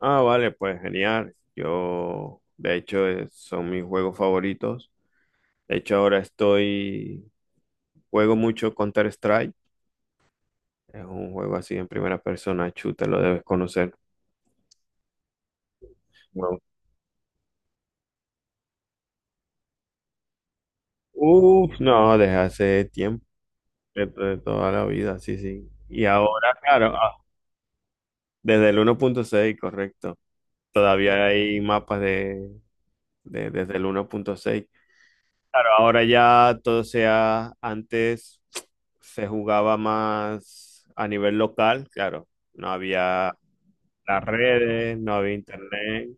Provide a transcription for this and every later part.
Ah, vale, pues genial. Yo, de hecho, son mis juegos favoritos. De hecho, juego mucho Counter-Strike. Es un juego así en primera persona, chuta, lo debes conocer. No. Uf, no, desde hace tiempo, de toda la vida, sí, sí. Y ahora, claro, desde el 1.6, correcto. Todavía hay mapas desde el 1.6. Claro, ahora ya todo sea, antes se jugaba más a nivel local, claro, no había las redes, no había internet,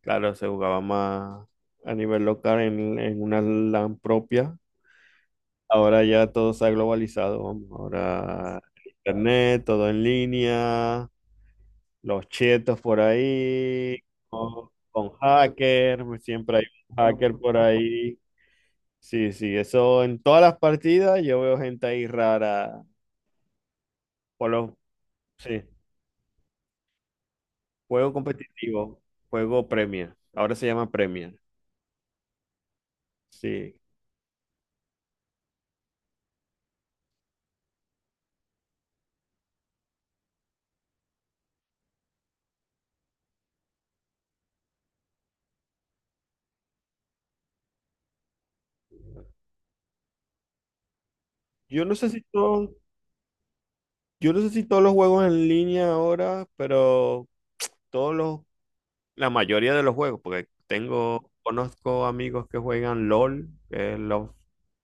claro, se jugaba más a nivel local en una LAN propia. Ahora ya todo se ha globalizado, vamos, ahora internet, todo en línea, los chetos por ahí, con hacker, siempre hay un hacker por ahí. Sí, sí, eso en todas las partidas yo veo gente ahí rara. Por los, sí, juego competitivo, juego Premier. Ahora se llama Premier. Sí. Yo no sé si todos, yo no sé si todos los juegos en línea ahora, pero todos los, la mayoría de los juegos, porque tengo, conozco amigos que juegan LOL, que es Love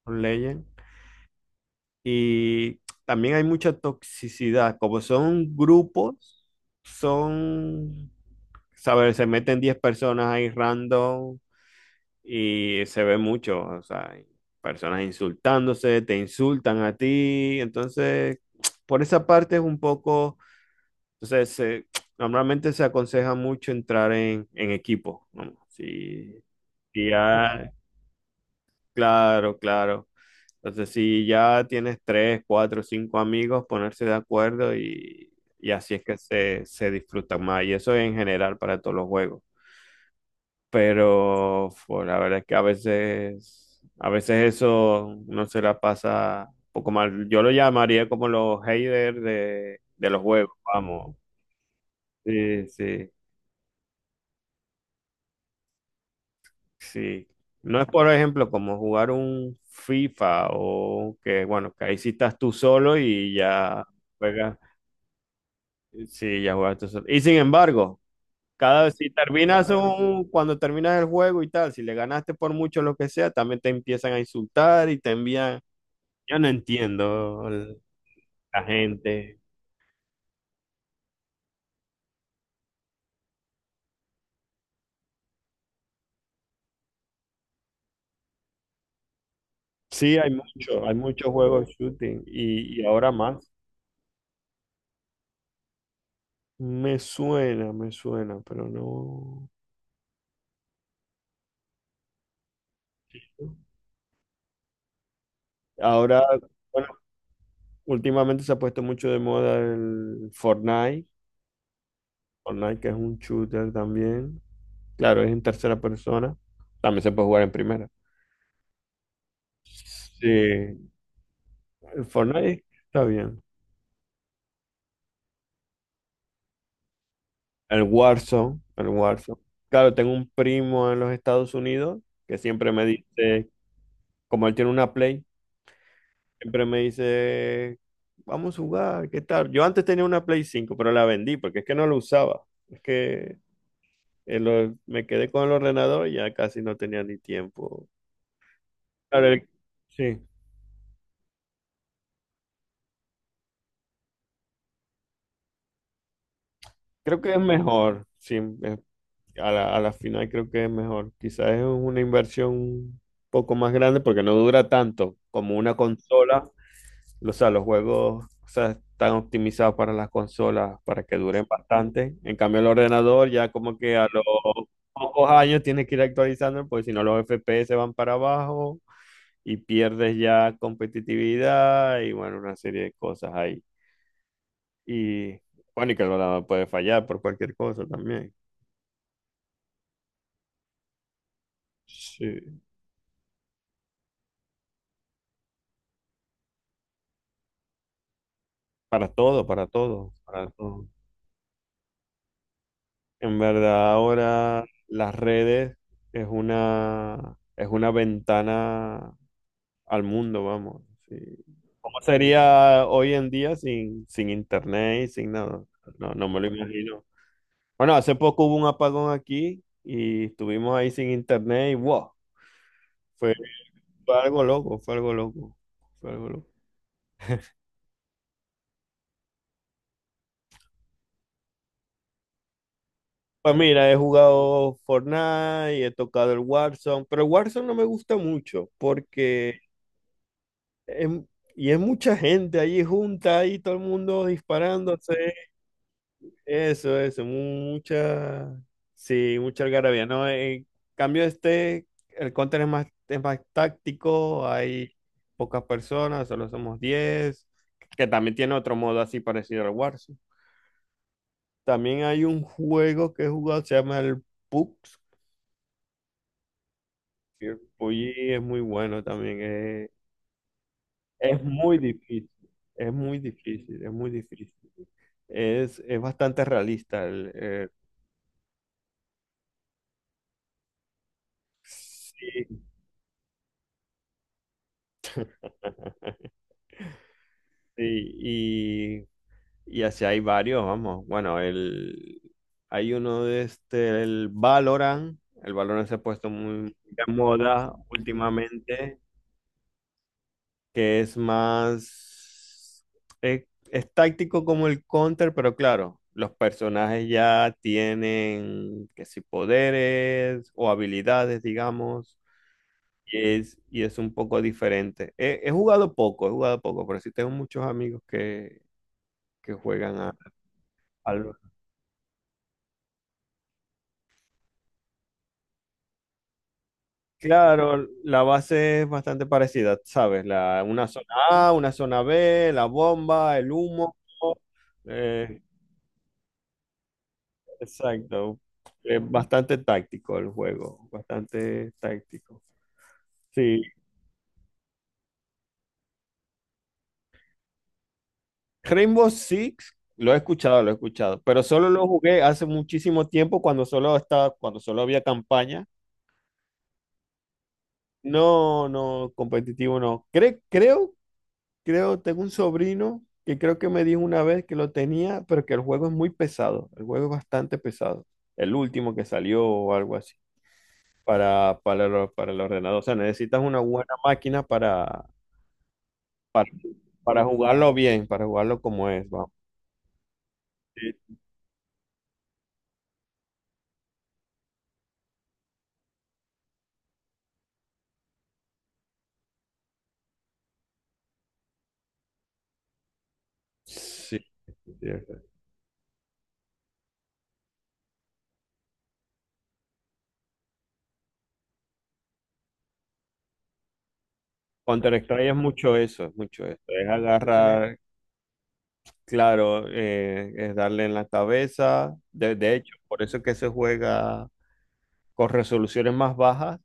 Legend, y también hay mucha toxicidad. Como son grupos, son ¿sabes? Se meten 10 personas ahí random y se ve mucho, o sea, personas insultándose, te insultan a ti, entonces, por esa parte es un poco, entonces, normalmente se aconseja mucho entrar en equipo, ¿no? Si, si ya, claro, claro. Entonces, si ya tienes tres, cuatro, cinco amigos, ponerse de acuerdo y así es que se disfruta más. Y eso en general para todos los juegos. Pero pues, la verdad es que a veces eso no se la pasa un poco mal. Yo lo llamaría como los haters de los juegos, vamos. Sí, sí, sí. No es, por ejemplo, como jugar un FIFA o que, bueno, que ahí sí estás tú solo y ya juegas, sí, ya juegas tú solo. Y sin embargo, cada vez si cuando terminas el juego y tal, si le ganaste por mucho lo que sea, también te empiezan a insultar y te envían. Yo no entiendo la gente. Sí, hay muchos juegos de shooting y ahora más. Me suena, pero no. Ahora, bueno, últimamente se ha puesto mucho de moda el Fortnite. Fortnite que es un shooter también. Claro, es en tercera persona. También se puede jugar en primera. Sí, el Fortnite está bien. El Warzone, el Warzone. Claro, tengo un primo en los Estados Unidos que siempre me dice. Como él tiene una Play, siempre me dice, vamos a jugar, ¿qué tal? Yo antes tenía una Play 5, pero la vendí porque es que no la usaba. Es que me quedé con el ordenador y ya casi no tenía ni tiempo. Claro, sí, creo que es mejor, sí, es- a la final creo que es mejor. Quizás es una inversión un poco más grande porque no dura tanto como una consola. O sea, los juegos, o sea, están optimizados para las consolas para que duren bastante. En cambio, el ordenador ya como que a los pocos años tienes que ir actualizando, porque si no los FPS van para abajo y pierdes ya competitividad y bueno, una serie de cosas ahí. Y bueno, y que el ordenador puede fallar por cualquier cosa también. Sí. Para todo, para todo, para todo. En verdad, ahora las redes es una ventana al mundo, vamos. Sí. ¿Cómo sería hoy en día sin internet y sin nada? No, no me lo imagino. Bueno, hace poco hubo un apagón aquí y estuvimos ahí sin internet y wow, fue, fue algo loco, fue algo loco, fue algo loco. Pues mira, he jugado Fortnite, he tocado el Warzone, pero el Warzone no me gusta mucho porque es- y es mucha gente allí junta, ahí todo el mundo disparándose. Eso, mucha, sí, mucha algarabía, ¿no? En cambio este, el Counter es más táctico, hay pocas personas, solo somos 10 que también tiene otro modo así parecido al Warzone. También hay un juego que he jugado, se llama el PUBG, que el PUBG es muy bueno también, es muy difícil, es muy difícil, es muy difícil. Es bastante realista sí, sí. Y así hay varios, vamos. Bueno, hay uno de este, el Valorant. El Valorant se ha puesto muy de moda últimamente, que es más. Es táctico como el Counter, pero claro, los personajes ya tienen, que si poderes o habilidades, digamos, y es un poco diferente. He jugado poco, he jugado poco, pero sí tengo muchos amigos que juegan al. Claro, la base es bastante parecida, ¿sabes? Una zona A, una zona B, la bomba, el humo. eh, exacto. Es bastante táctico el juego, bastante táctico. Sí. Rainbow Six, lo he escuchado, pero solo lo jugué hace muchísimo tiempo cuando solo estaba, cuando solo había campaña. No, no, competitivo no. Creo, tengo un sobrino que creo que me dijo una vez que lo tenía, pero que el juego es muy pesado. El juego es bastante pesado. El último que salió o algo así. Para el ordenador. O sea, necesitas una buena máquina para, para jugarlo bien, para jugarlo como es, vamos. Sí. Sí, sí, sí. o Counter-Strike es mucho eso, es mucho eso. Es agarrar, claro, es darle en la cabeza. De hecho, por eso es que se juega con resoluciones más bajas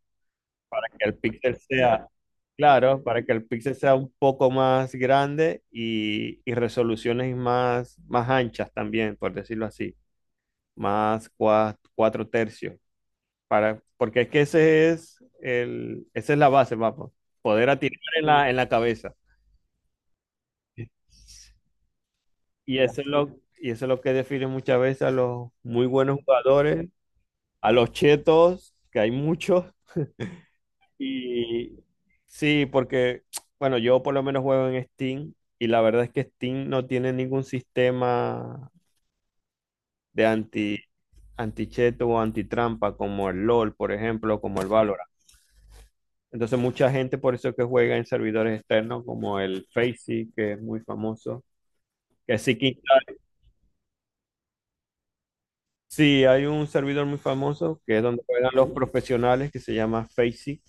que el píxel sea, claro, para que el píxel sea un poco más grande y resoluciones más anchas también, por decirlo así, más cuatro tercios, porque es que ese es esa es la base, vamos, poder atinar en la cabeza. Y eso es lo, y eso es lo que define muchas veces a los muy buenos jugadores, a los chetos, que hay muchos. Y sí, porque, bueno, yo por lo menos juego en Steam y la verdad es que Steam no tiene ningún sistema de anticheto o antitrampa como el LOL, por ejemplo, como el Valorant. Entonces mucha gente por eso que juega en servidores externos como el Faceit, que es muy famoso. Que sí, que- sí, hay un servidor muy famoso que es donde juegan los profesionales que se llama Faceit,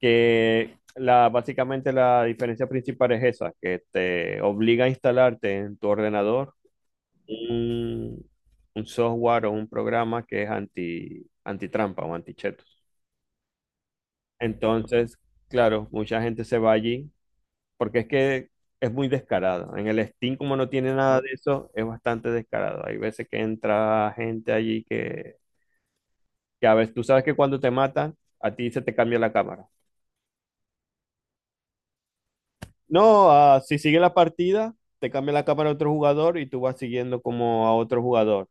que básicamente la diferencia principal es esa, que te obliga a instalarte en tu ordenador un, un software o un programa que es antitrampa o antichetos. Entonces, claro, mucha gente se va allí porque es que es muy descarado. En el Steam, como no tiene nada de eso, es bastante descarado. Hay veces que entra gente allí que a veces tú sabes que cuando te matan, a ti se te cambia la cámara. No, si sigue la partida, te cambia la cámara a otro jugador y tú vas siguiendo como a otro jugador.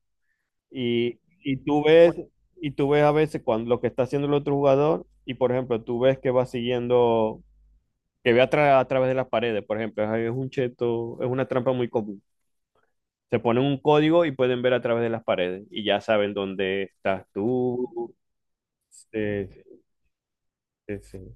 Y tú ves, y tú ves a veces cuando lo que está haciendo el otro jugador, y por ejemplo, tú ves que va siguiendo, que ve a través de las paredes, por ejemplo, es un cheto, es una trampa muy común. Se ponen un código y pueden ver a través de las paredes y ya saben dónde estás tú. eh, Sí, sí.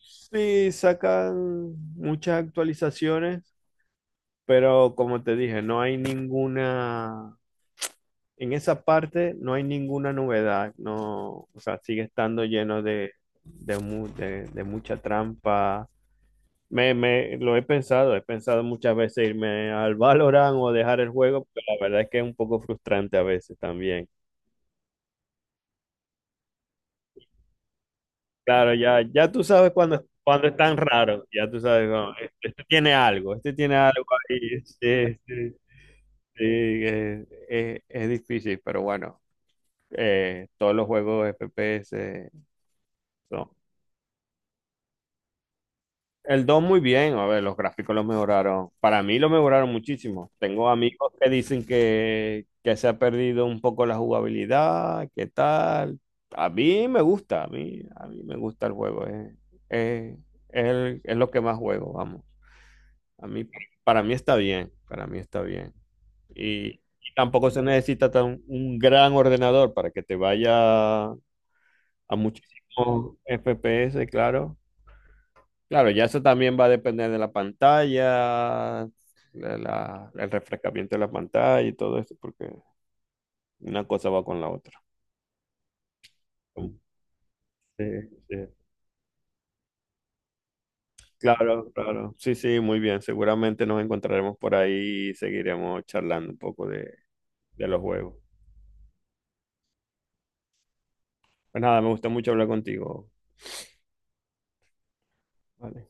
Sí, sacan muchas actualizaciones. Pero como te dije, no hay ninguna, en esa parte no hay ninguna novedad, no, o sea, sigue estando lleno de mucha trampa. Lo he pensado muchas veces irme al Valorant o dejar el juego, pero la verdad es que es un poco frustrante a veces también. Claro, ya tú sabes cuando es tan raro, ya tú sabes, no, este tiene algo, este tiene algo ahí, sí, sí, sí. Es difícil, pero bueno. Todos los juegos FPS eh, son. El 2 muy bien, a ver, los gráficos lo mejoraron. Para mí lo mejoraron muchísimo. Tengo amigos que dicen que se ha perdido un poco la jugabilidad, qué tal. A mí me gusta, a mí me gusta el juego. Eh, es lo que más juego, vamos. A mí, para mí está bien, para mí está bien. Y tampoco se necesita un gran ordenador para que te vaya a muchísimos FPS, claro. Claro, ya eso también va a depender de la pantalla, el refrescamiento de la pantalla y todo eso, porque una cosa va con la otra. Sí, sí. Claro, claro. Sí, sí, muy bien. Seguramente nos encontraremos por ahí y seguiremos charlando un poco de los juegos. Pues nada, me gustó mucho hablar contigo. Vale.